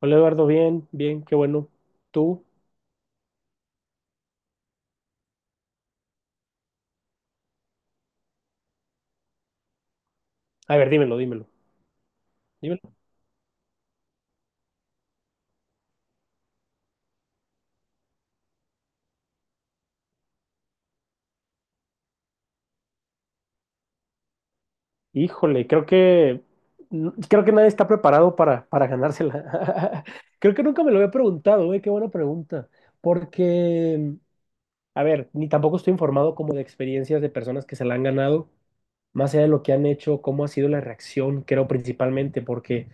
Hola Eduardo, bien, bien, qué bueno. ¿Tú? A ver, dímelo, dímelo, dímelo. Híjole, creo que nadie está preparado para ganársela. Creo que nunca me lo había preguntado, ¿eh? Qué buena pregunta. Porque, a ver, ni tampoco estoy informado como de experiencias de personas que se la han ganado, más allá de lo que han hecho, cómo ha sido la reacción, creo principalmente, porque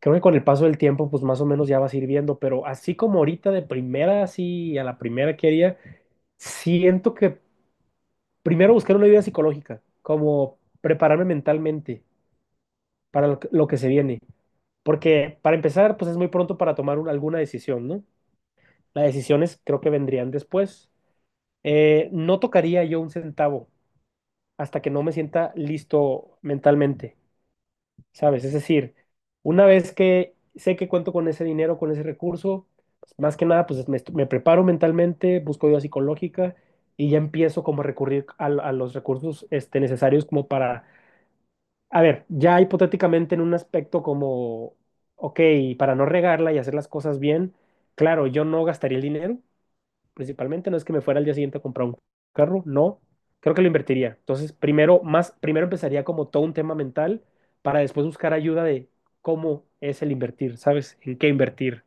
creo que con el paso del tiempo, pues más o menos ya vas a ir viendo, pero así como ahorita de primera, así a la primera que haría, siento que primero buscar una ayuda psicológica, como prepararme mentalmente para lo que se viene. Porque para empezar, pues es muy pronto para tomar alguna decisión, ¿no? Las decisiones creo que vendrían después. No tocaría yo un centavo hasta que no me sienta listo mentalmente, ¿sabes? Es decir, una vez que sé que cuento con ese dinero, con ese recurso, pues, más que nada, pues me preparo mentalmente, busco ayuda psicológica y ya empiezo como a recurrir a los recursos necesarios como para. A ver, ya hipotéticamente en un aspecto como, ok, para no regarla y hacer las cosas bien, claro, yo no gastaría el dinero, principalmente, no es que me fuera al día siguiente a comprar un carro, no, creo que lo invertiría. Entonces, primero, más, primero empezaría como todo un tema mental para después buscar ayuda de cómo es el invertir, ¿sabes? ¿En qué invertir?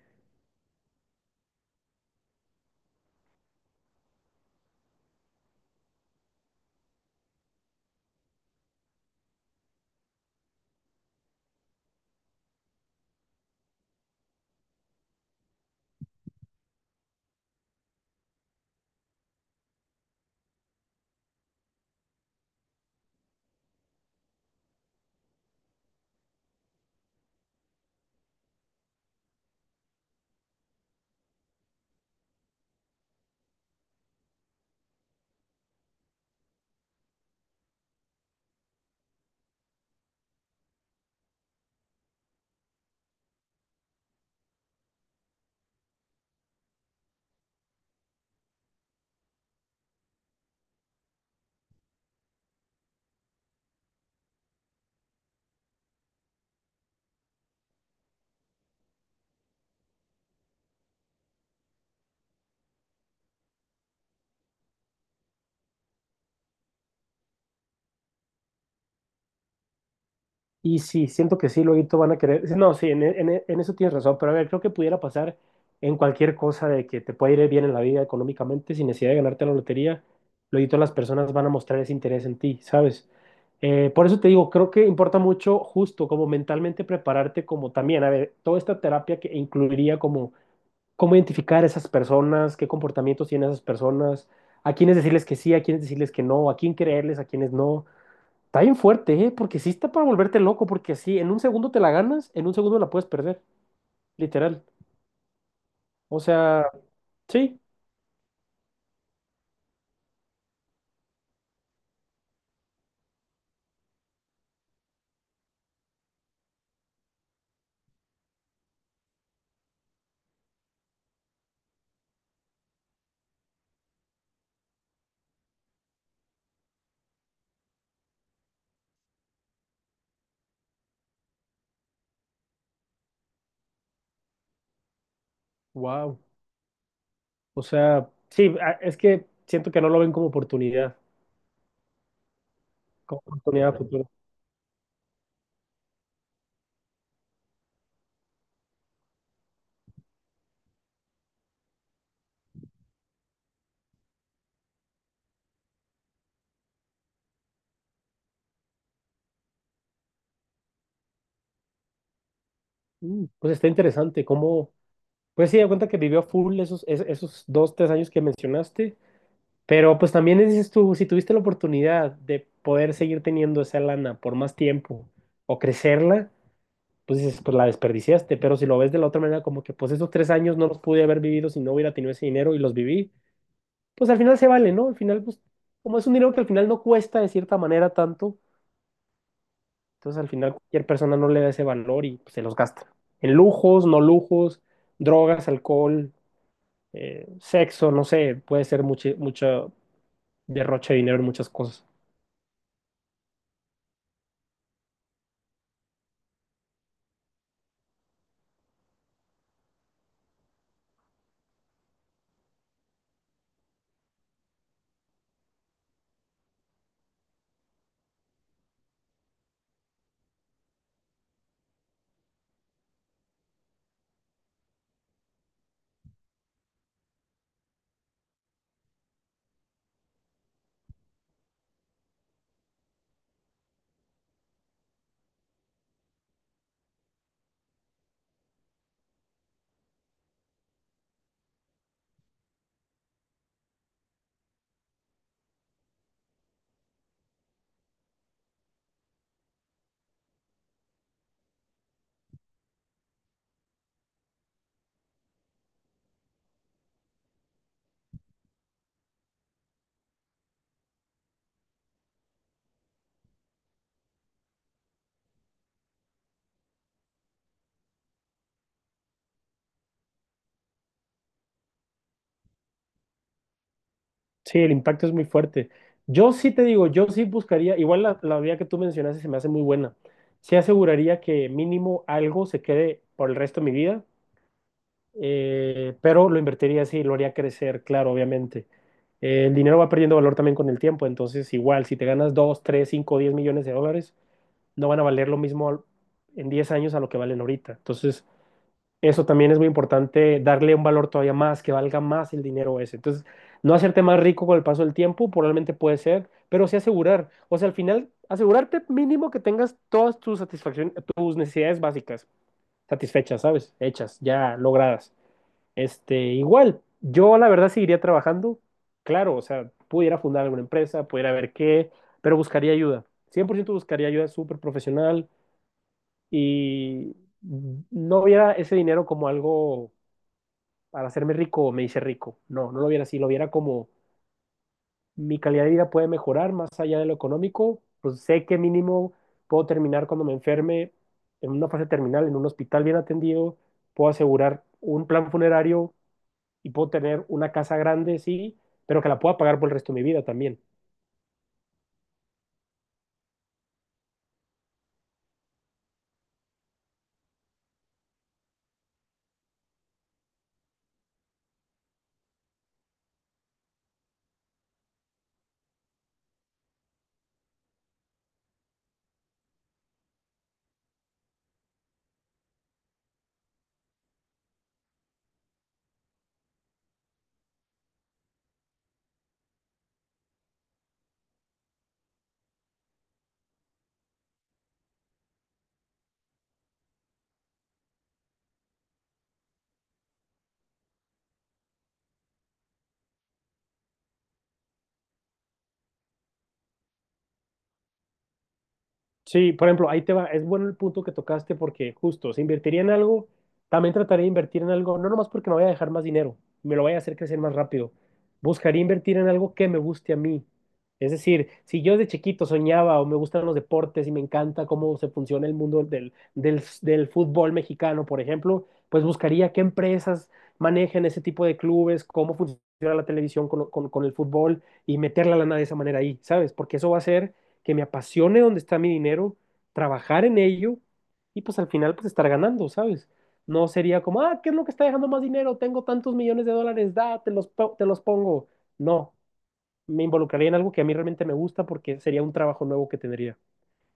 Y sí, siento que sí, luego van a querer. Sí, no, sí, en eso tienes razón, pero a ver, creo que pudiera pasar en cualquier cosa de que te puede ir bien en la vida económicamente sin necesidad de ganarte la lotería. Luego las personas van a mostrar ese interés en ti, ¿sabes? Por eso te digo, creo que importa mucho justo como mentalmente prepararte como también, a ver, toda esta terapia que incluiría como cómo identificar a esas personas, qué comportamientos tienen esas personas, a quiénes decirles que sí, a quiénes decirles que no, a quién creerles, a quiénes no. Está bien fuerte, ¿eh? Porque sí está para volverte loco, porque sí, en un segundo te la ganas, en un segundo la puedes perder, literal. O sea, sí, wow. O sea, sí, es que siento que no lo ven como oportunidad a futuro. Pues está interesante, cómo pues sí, da cuenta que vivió a full esos, esos 2, 3 años que mencionaste, pero pues también dices tú, si tuviste la oportunidad de poder seguir teniendo esa lana por más tiempo o crecerla pues dices, pues la desperdiciaste, pero si lo ves de la otra manera, como que pues esos 3 años no los pude haber vivido si no hubiera tenido ese dinero y los viví, pues al final se vale, ¿no? Al final, pues como es un dinero que al final no cuesta de cierta manera tanto, entonces al final cualquier persona no le da ese valor y pues, se los gasta. En lujos, no lujos, drogas, alcohol, sexo, no sé, puede ser mucho, mucho derroche de dinero en muchas cosas. Sí, el impacto es muy fuerte. Yo sí te digo, yo sí buscaría, igual la vía que tú mencionaste se me hace muy buena. Sí aseguraría que mínimo algo se quede por el resto de mi vida, pero lo invertiría así, lo haría crecer, claro, obviamente. El dinero va perdiendo valor también con el tiempo, entonces igual, si te ganas 2, 3, 5, 10 millones de dólares, no van a valer lo mismo en 10 años a lo que valen ahorita. Entonces, eso también es muy importante, darle un valor todavía más, que valga más el dinero ese. Entonces, no hacerte más rico con el paso del tiempo, probablemente puede ser, pero sí asegurar. O sea, al final, asegurarte mínimo que tengas todas tus satisfacciones, tus necesidades básicas satisfechas, ¿sabes? Hechas, ya logradas. Igual, yo la verdad seguiría trabajando, claro, o sea, pudiera fundar alguna empresa, pudiera ver qué, pero buscaría ayuda. 100% buscaría ayuda súper profesional y no viera ese dinero como algo para hacerme rico me hice rico. No, no lo viera así, lo viera como mi calidad de vida puede mejorar más allá de lo económico, pues sé que mínimo puedo terminar cuando me enferme en una fase terminal, en un hospital bien atendido, puedo asegurar un plan funerario y puedo tener una casa grande, sí, pero que la pueda pagar por el resto de mi vida también. Sí, por ejemplo, ahí te va, es bueno el punto que tocaste porque justo, si invertiría en algo, también trataría de invertir en algo, no nomás porque me vaya a dejar más dinero, me lo vaya a hacer crecer más rápido. Buscaría invertir en algo que me guste a mí. Es decir, si yo de chiquito soñaba o me gustan los deportes y me encanta cómo se funciona el mundo del, fútbol mexicano, por ejemplo, pues buscaría qué empresas manejan ese tipo de clubes, cómo funciona la televisión con, con el fútbol y meter la lana de esa manera ahí, ¿sabes? Porque eso va a ser que me apasione donde está mi dinero, trabajar en ello y pues al final pues estar ganando, ¿sabes? No sería como, ah, ¿qué es lo que está dejando más dinero? Tengo tantos millones de dólares, da, te los pongo. No, me involucraría en algo que a mí realmente me gusta porque sería un trabajo nuevo que tendría.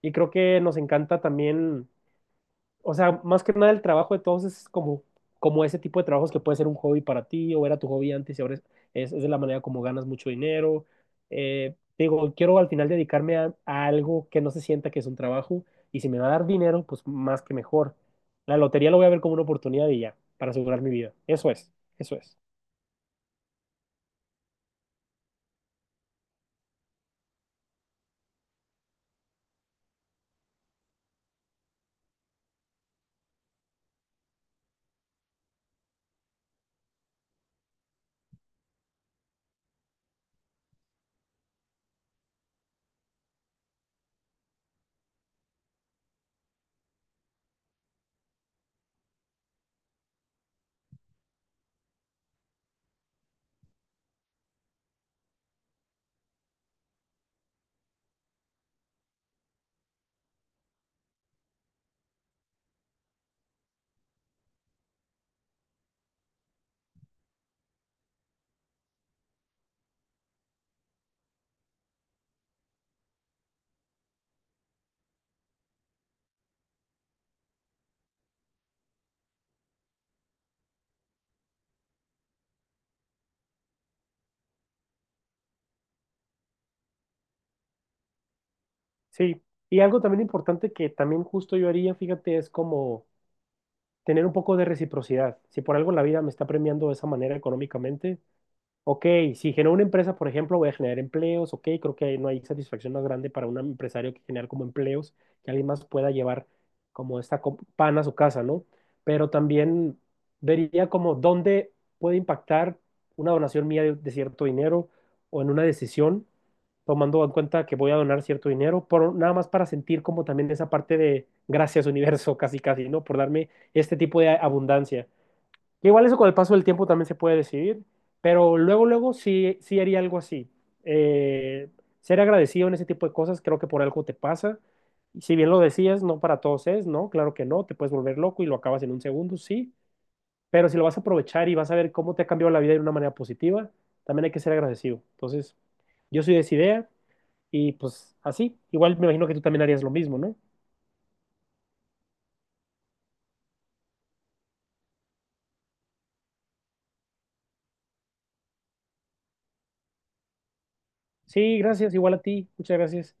Y creo que nos encanta también o sea, más que nada el trabajo de todos es como, como ese tipo de trabajos que puede ser un hobby para ti o era tu hobby antes y ahora es, es de la manera como ganas mucho dinero. Digo, quiero al final dedicarme a algo que no se sienta que es un trabajo y si me va a dar dinero, pues más que mejor. La lotería lo voy a ver como una oportunidad y ya, para asegurar mi vida. Eso es, eso es. Sí. Y algo también importante que también justo yo haría, fíjate, es como tener un poco de reciprocidad. Si por algo la vida me está premiando de esa manera económicamente, ok, si genero una empresa, por ejemplo, voy a generar empleos, ok, creo que no hay satisfacción más grande para un empresario que generar como empleos, que alguien más pueda llevar como esta pan a su casa, ¿no? Pero también vería como dónde puede impactar una donación mía de cierto dinero o en una decisión, tomando en cuenta que voy a donar cierto dinero, por, nada más para sentir como también esa parte de gracias universo, casi casi, ¿no? Por darme este tipo de abundancia. Que igual eso con el paso del tiempo también se puede decidir, pero luego, luego sí, sí haría algo así. Eh, Ser agradecido en ese tipo de cosas, creo que por algo te pasa. Y si bien lo decías, no para todos es, ¿no? Claro que no, te puedes volver loco y lo acabas en un segundo, sí, pero si lo vas a aprovechar y vas a ver cómo te ha cambiado la vida de una manera positiva, también hay que ser agradecido. Entonces, yo soy de esa idea y pues así, igual me imagino que tú también harías lo mismo, ¿no? Sí, gracias, igual a ti, muchas gracias.